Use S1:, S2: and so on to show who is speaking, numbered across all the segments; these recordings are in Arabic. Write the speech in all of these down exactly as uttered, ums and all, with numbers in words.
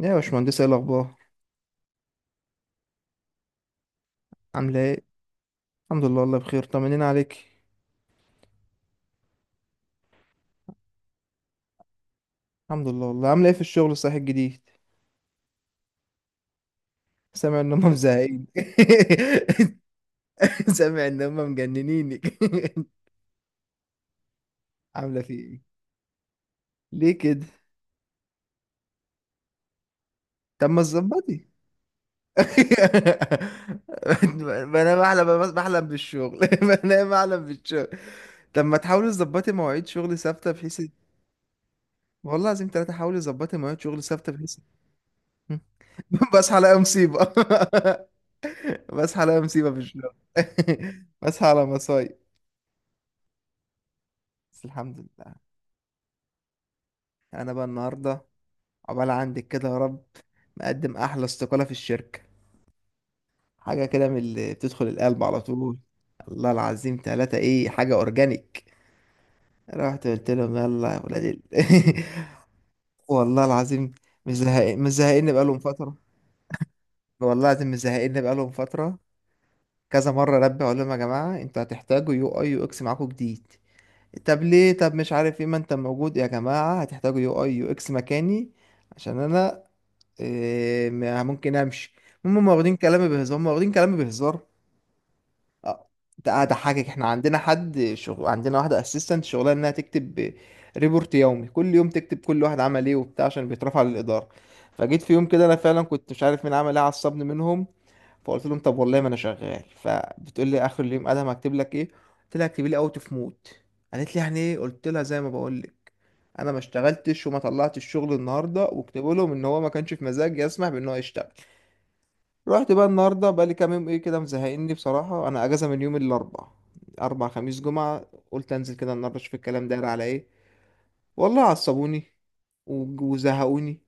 S1: يا باشمهندس ايه الاخبار؟ عامله ايه؟ الحمد لله والله بخير، طمنين عليك. الحمد لله والله. عامله ايه في الشغل الصحي الجديد؟ سامع ان هم مزهقين. سامع ان هم مجننينك. عامله في ايه؟ ليه كده؟ طب ما تظبطي. انا بحلم، بحلم بالشغل. انا بحلم بالشغل. طب ما تحاولي تظبطي مواعيد شغل ثابته بحيث. والله لازم ثلاثه، حاولي تظبطي مواعيد شغل ثابته بحيث. بصحى الاقي مصيبه. بصحى الاقي مصيبه في الشغل. بصحى على مصايب، بس الحمد لله. انا بقى النهارده، عقبال عندك كده يا رب، مقدم احلى استقاله في الشركه. حاجه كده من اللي بتدخل القلب على طول. الله العظيم ثلاثة ايه حاجه اورجانيك. رحت قلت لهم يلا يا ولاد ال... والله العظيم مش زهقان، مش زهقان بقالهم فتره. والله العظيم مش زهقان بقالهم فتره. كذا مره ربي اقول لهم يا جماعه انتوا هتحتاجوا يو اي يو اكس معاكم جديد. طب ليه، طب مش عارف ايه، ما انت موجود يا جماعة، هتحتاجوا يو اي يو اكس مكاني. عشان انا إيه ما- ممكن امشي. هم واخدين كلامي بهزار، هم واخدين كلامي بهزار اه ده اضحكك، احنا عندنا حد شغل عندنا واحدة اسيستنت شغلها انها تكتب ريبورت يومي، كل يوم تكتب كل واحد عمل ايه وبتاع عشان بيترفع للإدارة. فجيت في يوم كده انا فعلا كنت مش عارف مين عمل ايه، عصبني منهم. فقلت لهم طب والله ما انا شغال، فبتقول لي اخر اليوم ادهم هكتب لك ايه؟ قلت لها اكتبي لي اوت اوف مود. قالت لي يعني ايه؟ قلت لها زي ما بقول لك، انا ما اشتغلتش وما طلعتش الشغل النهارده، واكتبوا لهم ان هو ما كانش في مزاج يسمح بان هو يشتغل. رحت بقى النهارده، بقى لي كام يوم ايه كده مزهقني بصراحه، انا اجازه من يوم الاربعاء، اربع خميس جمعه. قلت انزل كده النهارده اشوف الكلام داير على ايه. والله عصبوني و- وزهقوني.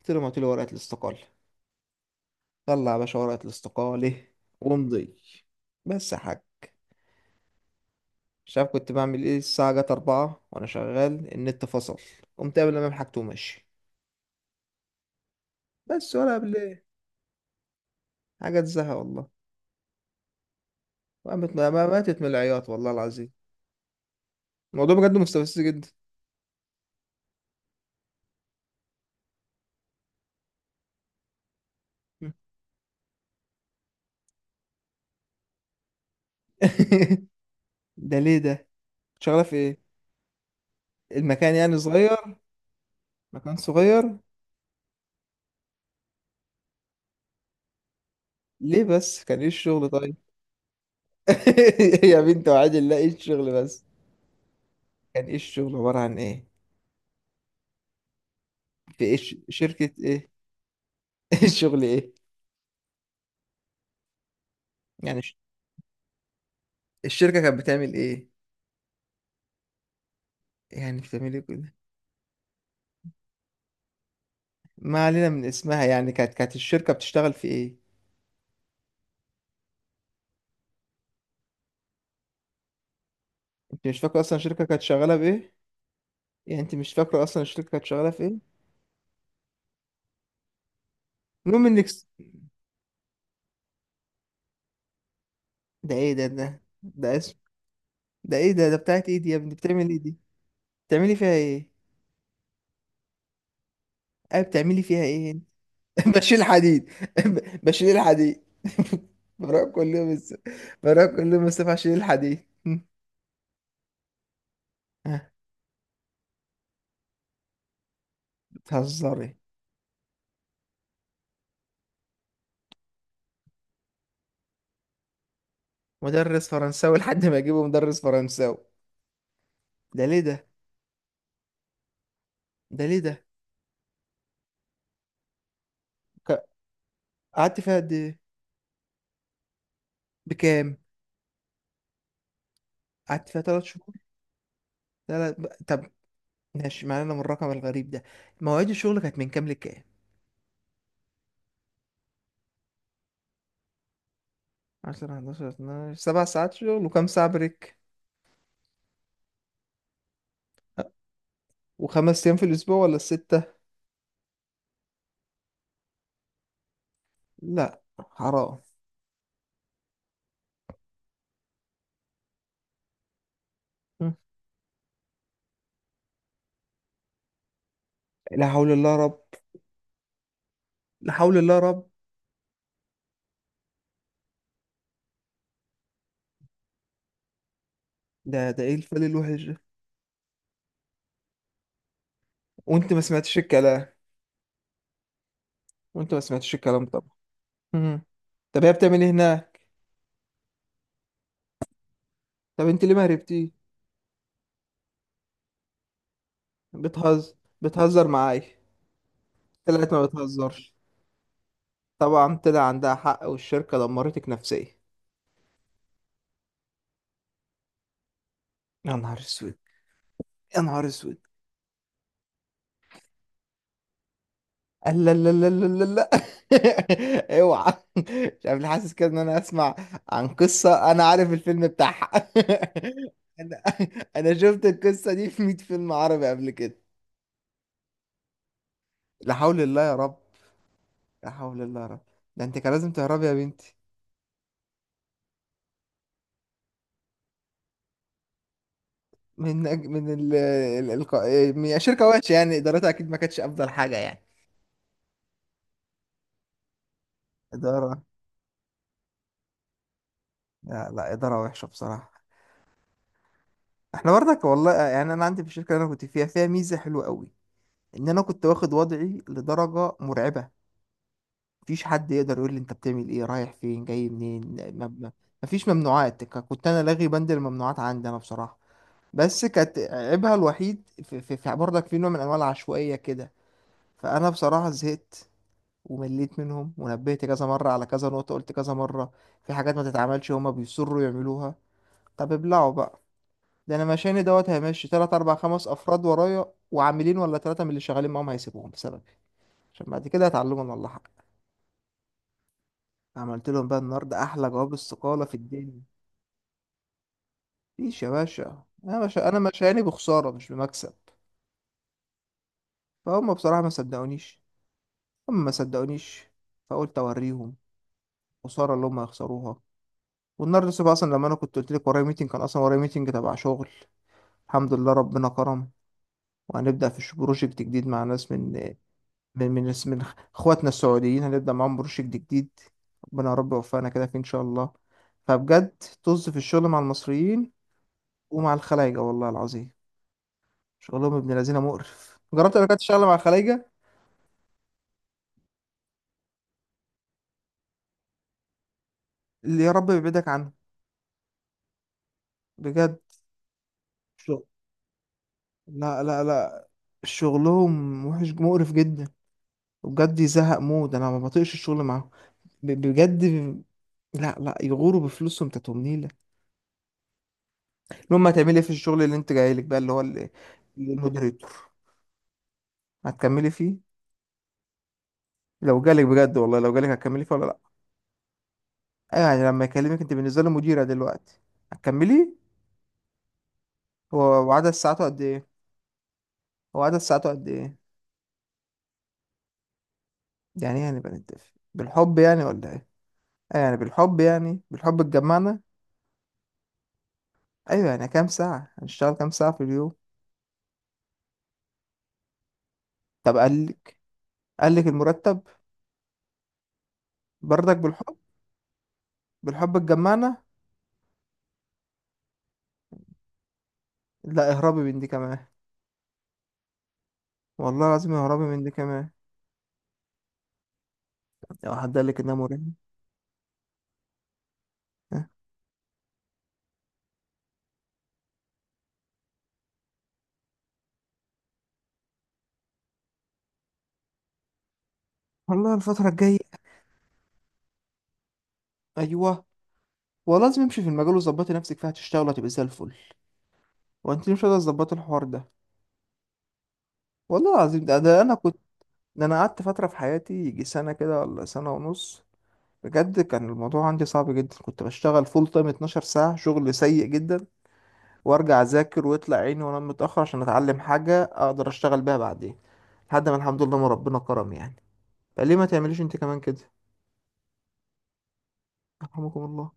S1: قلت لهم هاتوا لي ورقه الاستقاله. طلع يا باشا ورقه الاستقاله وامضي. بس يا حاج مش عارف كنت بعمل ايه، الساعة جت أربعة وأنا شغال، النت فصل. قمت قبل ما حاجته وماشي. بس ولا قبل ايه؟ حاجة تزهق والله. وقامت ما- ماتت من العياط والله العظيم. الموضوع بجد مستفز جدا. ده ليه ده؟ شغالة في ايه؟ المكان يعني صغير؟ مكان صغير. ليه بس، كان ايه الشغل طيب؟ يا بنت وعاد الله ايه الشغل بس؟ كان ايه الشغل عبارة عن ايه؟ في ايه، ش- شركة ايه؟ الشغل ايه؟ يعني الش- الشركة كانت بتعمل ايه؟ يعني بتعمل ايه؟ ما علينا من اسمها، يعني كانت، كانت الشركة بتشتغل في ايه؟ انت مش فاكرة اصلا الشركة كانت شغالة بايه؟ يعني انت مش فاكرة اصلا الشركة كانت شغالة في ايه؟ المهم انك س- ده ايه ده، ده ده اسم. ده ايه ده، ده بتاعت ايه دي يا ابني، بتعمل ايه دي؟ بتعملي فيها ايه؟ ايه بتعملي فيها ايه انت؟ بشيل حديد. ب- بشيل الحديد. بروح كل يوم الس- بروح كل يوم الصبح اشيل الحديد. ها، بتهزري؟ مدرس فرنساوي لحد ما اجيبه مدرس فرنساوي. ده ليه ده؟ ده ليه ده؟ ك- قعدت فيها قد ايه؟ بكام؟ قعدت فيها ثلاث شهور. لا لا، ب- طب ماشي معانا من الرقم الغريب ده. مواعيد الشغل كانت من كام لكام؟ عشرة احداشر اتناشر سبع ساعات شغل وكام ساعة بريك؟ وخمس أيام في الأسبوع ولا الستة؟ لا حرام. م. لا حول الله يا رب. لا حول الله يا رب. ده ده إيه الفل الوحش ده؟ وأنت ما سمعتش الكلام؟ وأنت ما سمعتش الكلام طبعا. م. طب هي بتعمل إيه هناك؟ طب أنت ليه ما هربتي؟ بتهزر، بتهزر معايا. طلعت ما بتهزرش. طبعا طلع عندها حق، والشركة دمرتك نفسيا. يا نهار اسود. يا نهار اسود. قال لا لا لا لا لا لا. اوعى مش عارف ليه حاسس كده ان انا اسمع عن قصة انا عارف الفيلم بتاعها. انا انا شفت القصة دي في ميت فيلم عربي قبل كده. لا حول الله يا رب. لا حول الله يا رب. ده انت كان لازم تهربي يا بنتي. من أج... من ال... ال... الق- من شركة وحشة، يعني ادارتها اكيد ما كانتش افضل حاجة يعني. إدارة، لا لا، إدارة وحشة بصراحة. احنا برضك والله، يعني انا عندي في الشركة اللي انا كنت فيها فيها ميزة حلوة قوي، ان انا كنت واخد وضعي لدرجه مرعبه. مفيش حد يقدر يقول لي انت بتعمل ايه، رايح فين جاي منين، ما- ما- مفيش ممنوعات. ك- كنت انا لاغي بند الممنوعات عندي انا بصراحه. بس كانت عيبها الوحيد في, في, في برضك في نوع من انواع العشوائيه كده. فانا بصراحه زهقت ومليت منهم ونبهت كذا مره على كذا نقطه، قلت كذا مره في حاجات ما تتعملش، هما بيصروا يعملوها. طب ابلعوا بقى. ده انا مشاني دوت هيمشي تلات اربع خمس افراد ورايا، وعاملين ولا ثلاثه من اللي شغالين معاهم هيسيبوهم بسبب، عشان بعد كده يتعلموا ان الله حق. عملت لهم بقى النهارده احلى جواب استقالة في الدنيا. مفيش يا باشا، انا مش انا مشاني بخسارة مش بمكسب. فهم بصراحة ما صدقونيش، هم ما صدقونيش. فقلت اوريهم خسارة اللي هم هيخسروها. والنهارده الصبح اصلا لما انا كنت قلت لك ورايا ميتنج، كان اصلا ورايا ميتنج تبع شغل. الحمد لله ربنا كرم، وهنبدأ في بروجكت جديد مع ناس من من من من اخواتنا السعوديين، هنبدأ معاهم بروجكت جديد. ربنا يا رب يوفقنا كده فيه ان شاء الله. فبجد طز في الشغل مع المصريين ومع الخلايجة والله العظيم. شغلهم ابن لذينه مقرف. جربت قبل كده تشتغل مع الخلايجة؟ اللي يا رب يبعدك عنه بجد. شغل، لا لا لا، شغلهم وحش مقرف جدا. وبجد يزهق مود، انا ما بطيقش الشغل معاهم. ب- بجد. لا لا، يغوروا بفلوسهم تاتهم نيلة. المهم هتعملي ايه في الشغل اللي انت جايلك بقى، اللي هو ال- المودريتور؟ هتكملي فيه؟ لو جالك بجد، والله لو جالك هتكملي فيه ولا لا؟ ايوه يعني لما يكلمك، انت بالنسبة له مديرة دلوقتي. هتكملي. هو وعدد ساعاته قد ايه؟ هو عدد ساعاته قد ايه؟ يعني ايه، يعني بنتفق بالحب يعني ولا ايه؟ آه يعني بالحب، يعني بالحب اتجمعنا. ايوه يعني كام ساعة هنشتغل، كام ساعة في اليوم؟ طب قال لك؟ قال لك المرتب؟ برضك بالحب. بالحب اتجمعنا. لا اهربي من دي كمان. والله العظيم اهربي من دي كمان. لو حد قال لك انها مريحة. آه. والله الفترة الجاية، ايوه والله لازم امشي في المجال، وظبطي نفسك فيها هتشتغلي هتبقي زي الفل. وانت مش قادرة تظبطي الحوار ده. والله العظيم ده, ده انا كنت، ده انا قعدت فترة في حياتي يجي سنة كده ولا سنة ونص. بجد كان الموضوع عندي صعب جدا، كنت بشتغل فول تايم اتناشر ساعة شغل سيء جدا. وارجع اذاكر ويطلع عيني وانام متأخر عشان اتعلم حاجة اقدر اشتغل بيها بعدين، لحد ما الحمد لله ما ربنا كرم يعني. فليه ما تعمليش انت كمان كده؟ يرحمكم الله.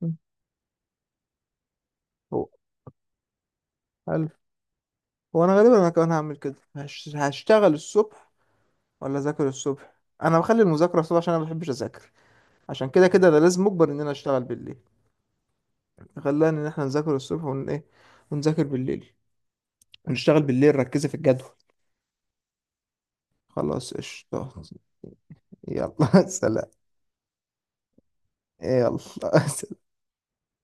S1: مم. هو ألف. وانا غالبا انا كمان هعمل كده، هش- هشتغل الصبح ولا اذاكر الصبح؟ انا بخلي المذاكره الصبح عشان انا ما بحبش اذاكر، عشان كده كده انا لازم اجبر ان انا اشتغل بالليل. خلاني ان احنا نذاكر الصبح ون ايه، ونذاكر بالليل، ونشتغل بالليل. ركزي في الجدول. خلاص قشطة. يلا سلام. يلا سلام.